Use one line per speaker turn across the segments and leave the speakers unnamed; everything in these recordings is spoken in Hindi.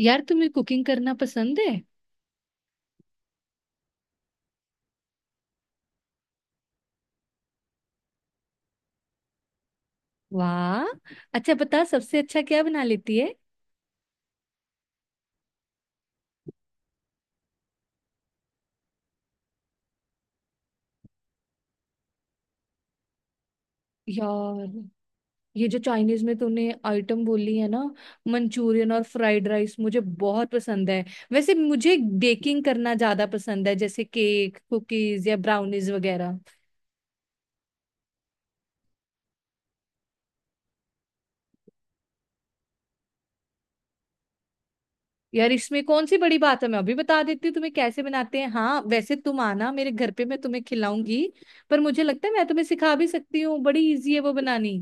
यार तुम्हें कुकिंग करना पसंद है। वाह। अच्छा बता, सबसे अच्छा क्या बना लेती है। यार, ये जो चाइनीज में तूने आइटम बोली है ना, मंचूरियन और फ्राइड राइस मुझे बहुत पसंद है। वैसे मुझे बेकिंग करना ज्यादा पसंद है, जैसे केक, कुकीज या ब्राउनीज वगैरह। यार इसमें कौन सी बड़ी बात है, मैं अभी बता देती हूँ तुम्हें कैसे बनाते हैं। हाँ वैसे तुम आना मेरे घर पे, मैं तुम्हें खिलाऊंगी। पर मुझे लगता है मैं तुम्हें सिखा भी सकती हूँ, बड़ी इजी है वो बनानी।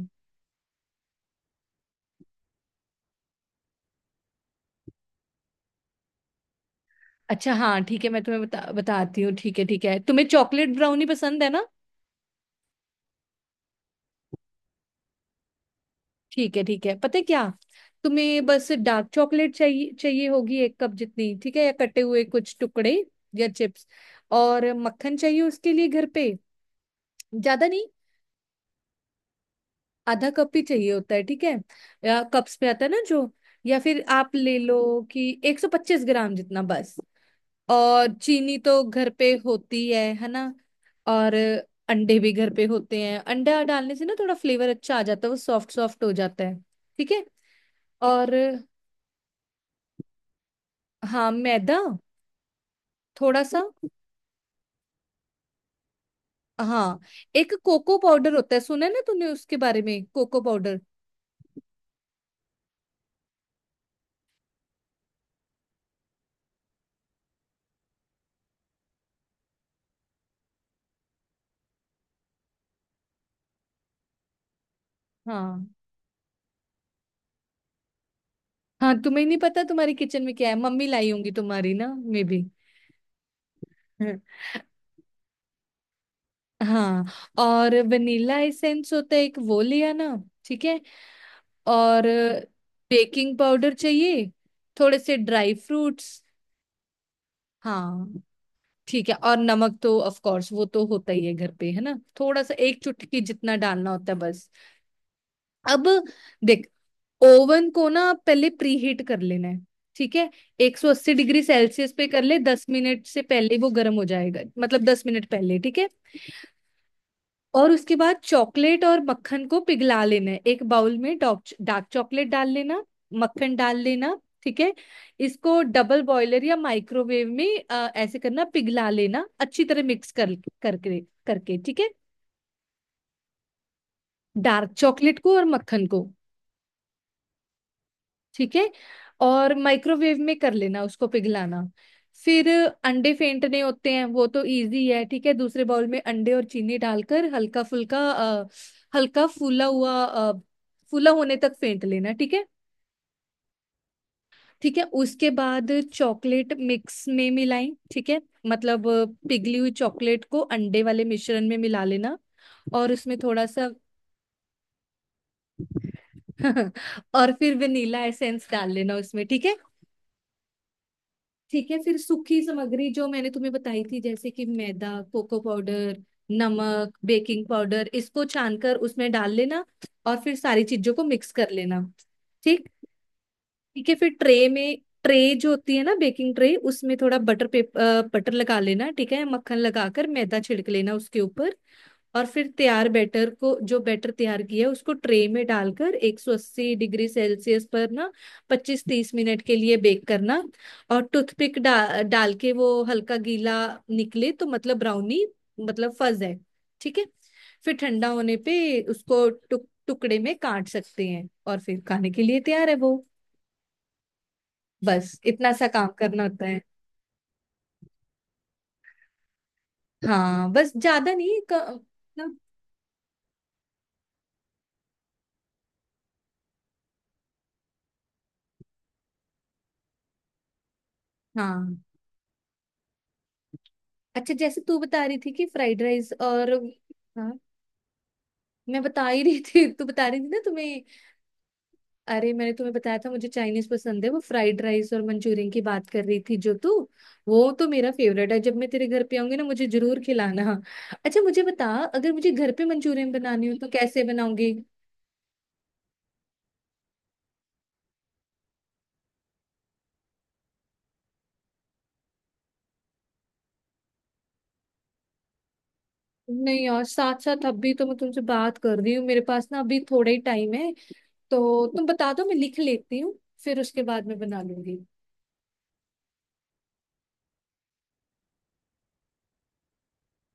अच्छा, हाँ, ठीक है, मैं तुम्हें बताती हूँ। ठीक है ठीक है, तुम्हें चॉकलेट ब्राउनी पसंद है ना। ठीक है ठीक है, पता है क्या, तुम्हें बस डार्क चॉकलेट चाहिए चाहिए होगी, एक कप जितनी। ठीक है, या कटे हुए कुछ टुकड़े या चिप्स। और मक्खन चाहिए उसके लिए घर पे, ज्यादा नहीं। आधा कप ही चाहिए होता है, ठीक है। या कप्स में आता है ना जो, या फिर आप ले लो कि 125 ग्राम जितना बस। और चीनी तो घर पे होती है ना। और अंडे भी घर पे होते हैं, अंडा डालने से ना थोड़ा फ्लेवर अच्छा आ जाता है, वो सॉफ्ट सॉफ्ट हो जाता है। ठीक है। और, हाँ, मैदा, थोड़ा सा। हाँ, एक कोको पाउडर होता है, सुना है ना तूने उसके बारे में, कोको पाउडर। हाँ हाँ, तुम्हें नहीं पता तुम्हारी किचन में क्या है, मम्मी लाई होंगी तुम्हारी ना, मे बी। हाँ, और वनीला एसेंस होता है एक, वो ले आना। ठीक है। और बेकिंग पाउडर चाहिए, थोड़े से ड्राई फ्रूट्स। हाँ ठीक है, और नमक तो ऑफ कोर्स वो तो होता ही है घर पे, है ना। थोड़ा सा, एक चुटकी जितना डालना होता है बस। अब देख, ओवन को ना पहले प्रीहीट कर लेना है। ठीक है। 180 डिग्री सेल्सियस पे कर ले, 10 मिनट से पहले वो गर्म हो जाएगा, मतलब 10 मिनट पहले। ठीक है। और उसके बाद चॉकलेट और मक्खन को पिघला लेना है। एक बाउल में डार्क चॉकलेट डाल लेना, मक्खन डाल लेना। ठीक है। इसको डबल बॉयलर या माइक्रोवेव में ऐसे करना, पिघला लेना, अच्छी तरह मिक्स कर करके करके। ठीक है। डार्क चॉकलेट को और मक्खन को। ठीक है। और माइक्रोवेव में कर लेना उसको पिघलाना। फिर अंडे फेंटने होते हैं, वो तो इजी है। ठीक है। दूसरे बाउल में अंडे और चीनी डालकर हल्का फुल्का हल्का फूला हुआ फूला होने तक फेंट लेना। ठीक है ठीक है। उसके बाद चॉकलेट मिक्स में मिलाई। ठीक है। मतलब पिघली हुई चॉकलेट को अंडे वाले मिश्रण में मिला लेना। और उसमें थोड़ा सा और फिर वेनिला एसेंस डाल लेना उसमें। ठीक है ठीक है। फिर सूखी सामग्री जो मैंने तुम्हें बताई थी, जैसे कि मैदा, कोको पाउडर, नमक, बेकिंग पाउडर, इसको छानकर उसमें डाल लेना। और फिर सारी चीजों को मिक्स कर लेना। ठीक, ठीक है। फिर ट्रे में, ट्रे जो होती है ना बेकिंग ट्रे, उसमें थोड़ा बटर पेपर, बटर लगा लेना। ठीक है। मक्खन लगाकर मैदा छिड़क लेना उसके ऊपर। और फिर तैयार बैटर को, जो बैटर तैयार किया है, उसको ट्रे में डालकर 180 डिग्री सेल्सियस पर ना 25 30 मिनट के लिए बेक करना। और टूथपिक डाल के वो हल्का गीला निकले तो मतलब ब्राउनी, मतलब फज है। ठीक है। फिर ठंडा होने पे उसको टुकड़े में काट सकते हैं, और फिर खाने के लिए तैयार है वो। बस इतना सा काम करना होता है। हाँ बस ज्यादा नहीं मतलब। हाँ। अच्छा, जैसे तू बता रही थी कि फ्राइड राइस और। हाँ। मैं बता ही रही थी, तू बता रही थी ना तुम्हें। अरे, मैंने तुम्हें बताया था मुझे चाइनीज पसंद है, वो फ्राइड राइस और मंचूरियन की बात कर रही थी जो तू। वो तो मेरा फेवरेट है, जब मैं तेरे घर पे आऊंगी ना मुझे जरूर खिलाना। अच्छा मुझे बता, अगर मुझे घर पे मंचूरियन बनानी हो तो कैसे बनाऊंगी। नहीं यार, साथ साथ अभी तो मैं तुमसे बात कर रही हूँ, मेरे पास ना अभी थोड़ा ही टाइम है। तो तुम बता दो, मैं लिख लेती हूँ, फिर उसके बाद में बना लूंगी।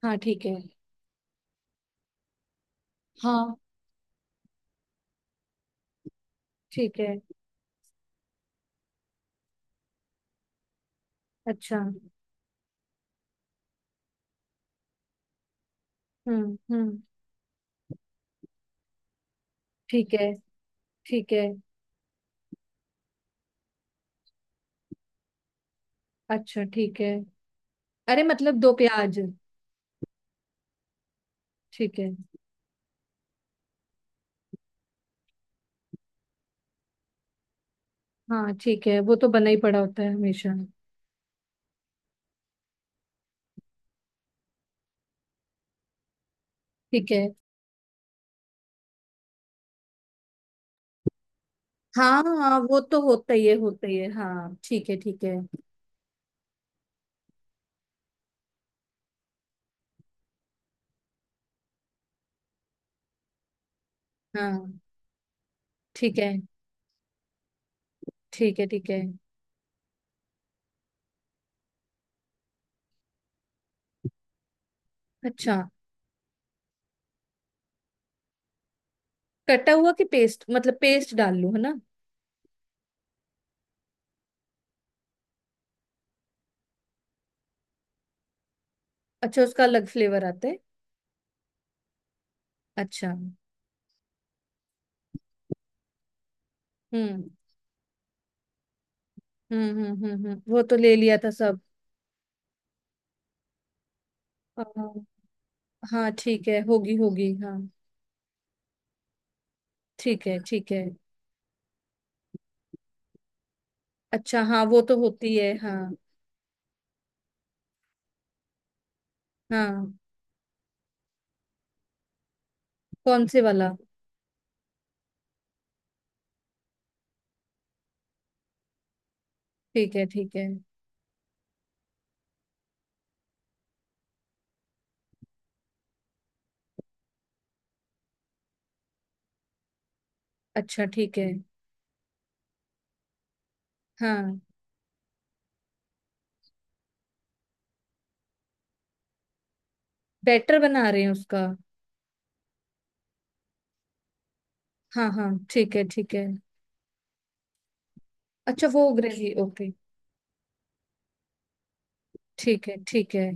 हाँ ठीक है। हाँ ठीक है। अच्छा। हम्म। ठीक है ठीक है। अच्छा ठीक है। अरे मतलब दो प्याज। ठीक है। हाँ ठीक है, वो तो बना ही पड़ा होता है हमेशा। ठीक है। हाँ हाँ, वो तो होता ही है होता ही है, हाँ ठीक है ठीक है। हाँ ठीक है ठीक है। ठीक है। अच्छा, कटा हुआ कि पेस्ट, मतलब पेस्ट डाल लूं, है ना। अच्छा, उसका अलग फ्लेवर आता है। अच्छा। हम्म हम्म। वो तो ले लिया था सब। अ, हाँ ठीक है, होगी होगी, हाँ। ठीक है ठीक है। अच्छा हाँ, वो तो होती है, हाँ। हाँ। कौन से वाला। ठीक है ठीक है। अच्छा ठीक है। हाँ। बैटर बना रहे हैं उसका। हाँ हाँ ठीक है ठीक है। अच्छा, वो ग्रेवी, ओके। ठीक है ठीक है।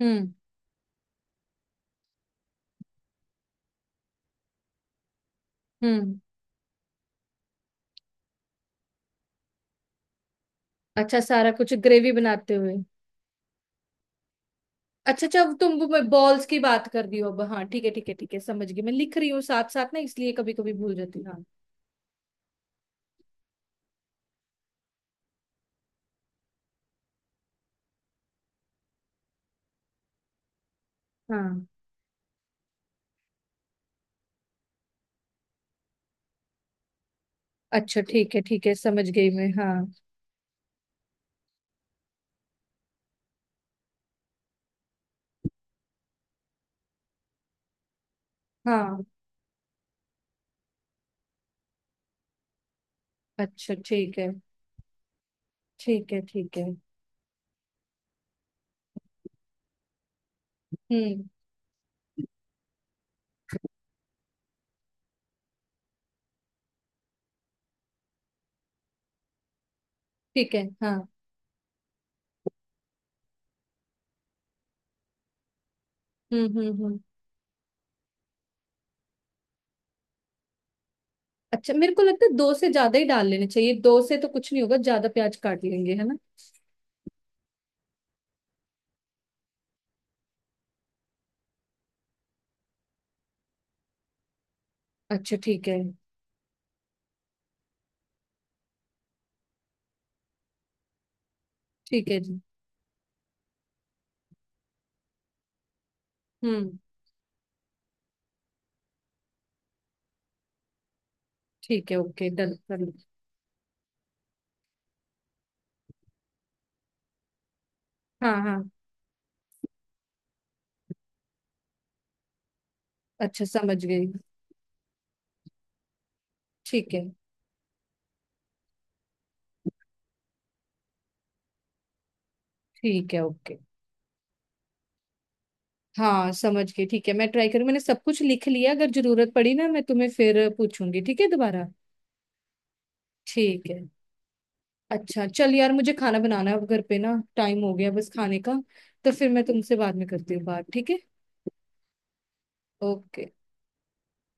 हम्म हम्म। अच्छा, सारा कुछ ग्रेवी बनाते हुए। अच्छा अच्छा, अब तुम बॉल्स की बात कर रही हो अब, हाँ। ठीक है ठीक है ठीक है, समझ गई मैं, लिख रही हूँ साथ साथ ना इसलिए, कभी कभी भूल जाती हूँ, हाँ। हाँ। अच्छा ठीक है ठीक है, समझ गई मैं, हाँ। हाँ। अच्छा ठीक है ठीक है ठीक है। हम्म। ठीक है। हाँ। हम्म। अच्छा मेरे को लगता है दो से ज्यादा ही डाल लेने चाहिए, दो से तो कुछ नहीं होगा, ज्यादा प्याज काट लेंगे, है ना। अच्छा ठीक है। ठीक है जी। हम्म। ठीक है, ओके डन कर लो। हाँ हाँ। अच्छा समझ गई, ठीक है ठीक है, ओके। हाँ समझ गई ठीक है, मैं ट्राई करूँ, मैंने सब कुछ लिख लिया, अगर जरूरत पड़ी ना मैं तुम्हें फिर पूछूंगी, ठीक है, दोबारा। ठीक है। अच्छा चल यार, मुझे खाना बनाना है अब घर पे ना, टाइम हो गया बस खाने का। तो फिर मैं तुमसे बाद में करती हूँ बात, ठीक है। ओके।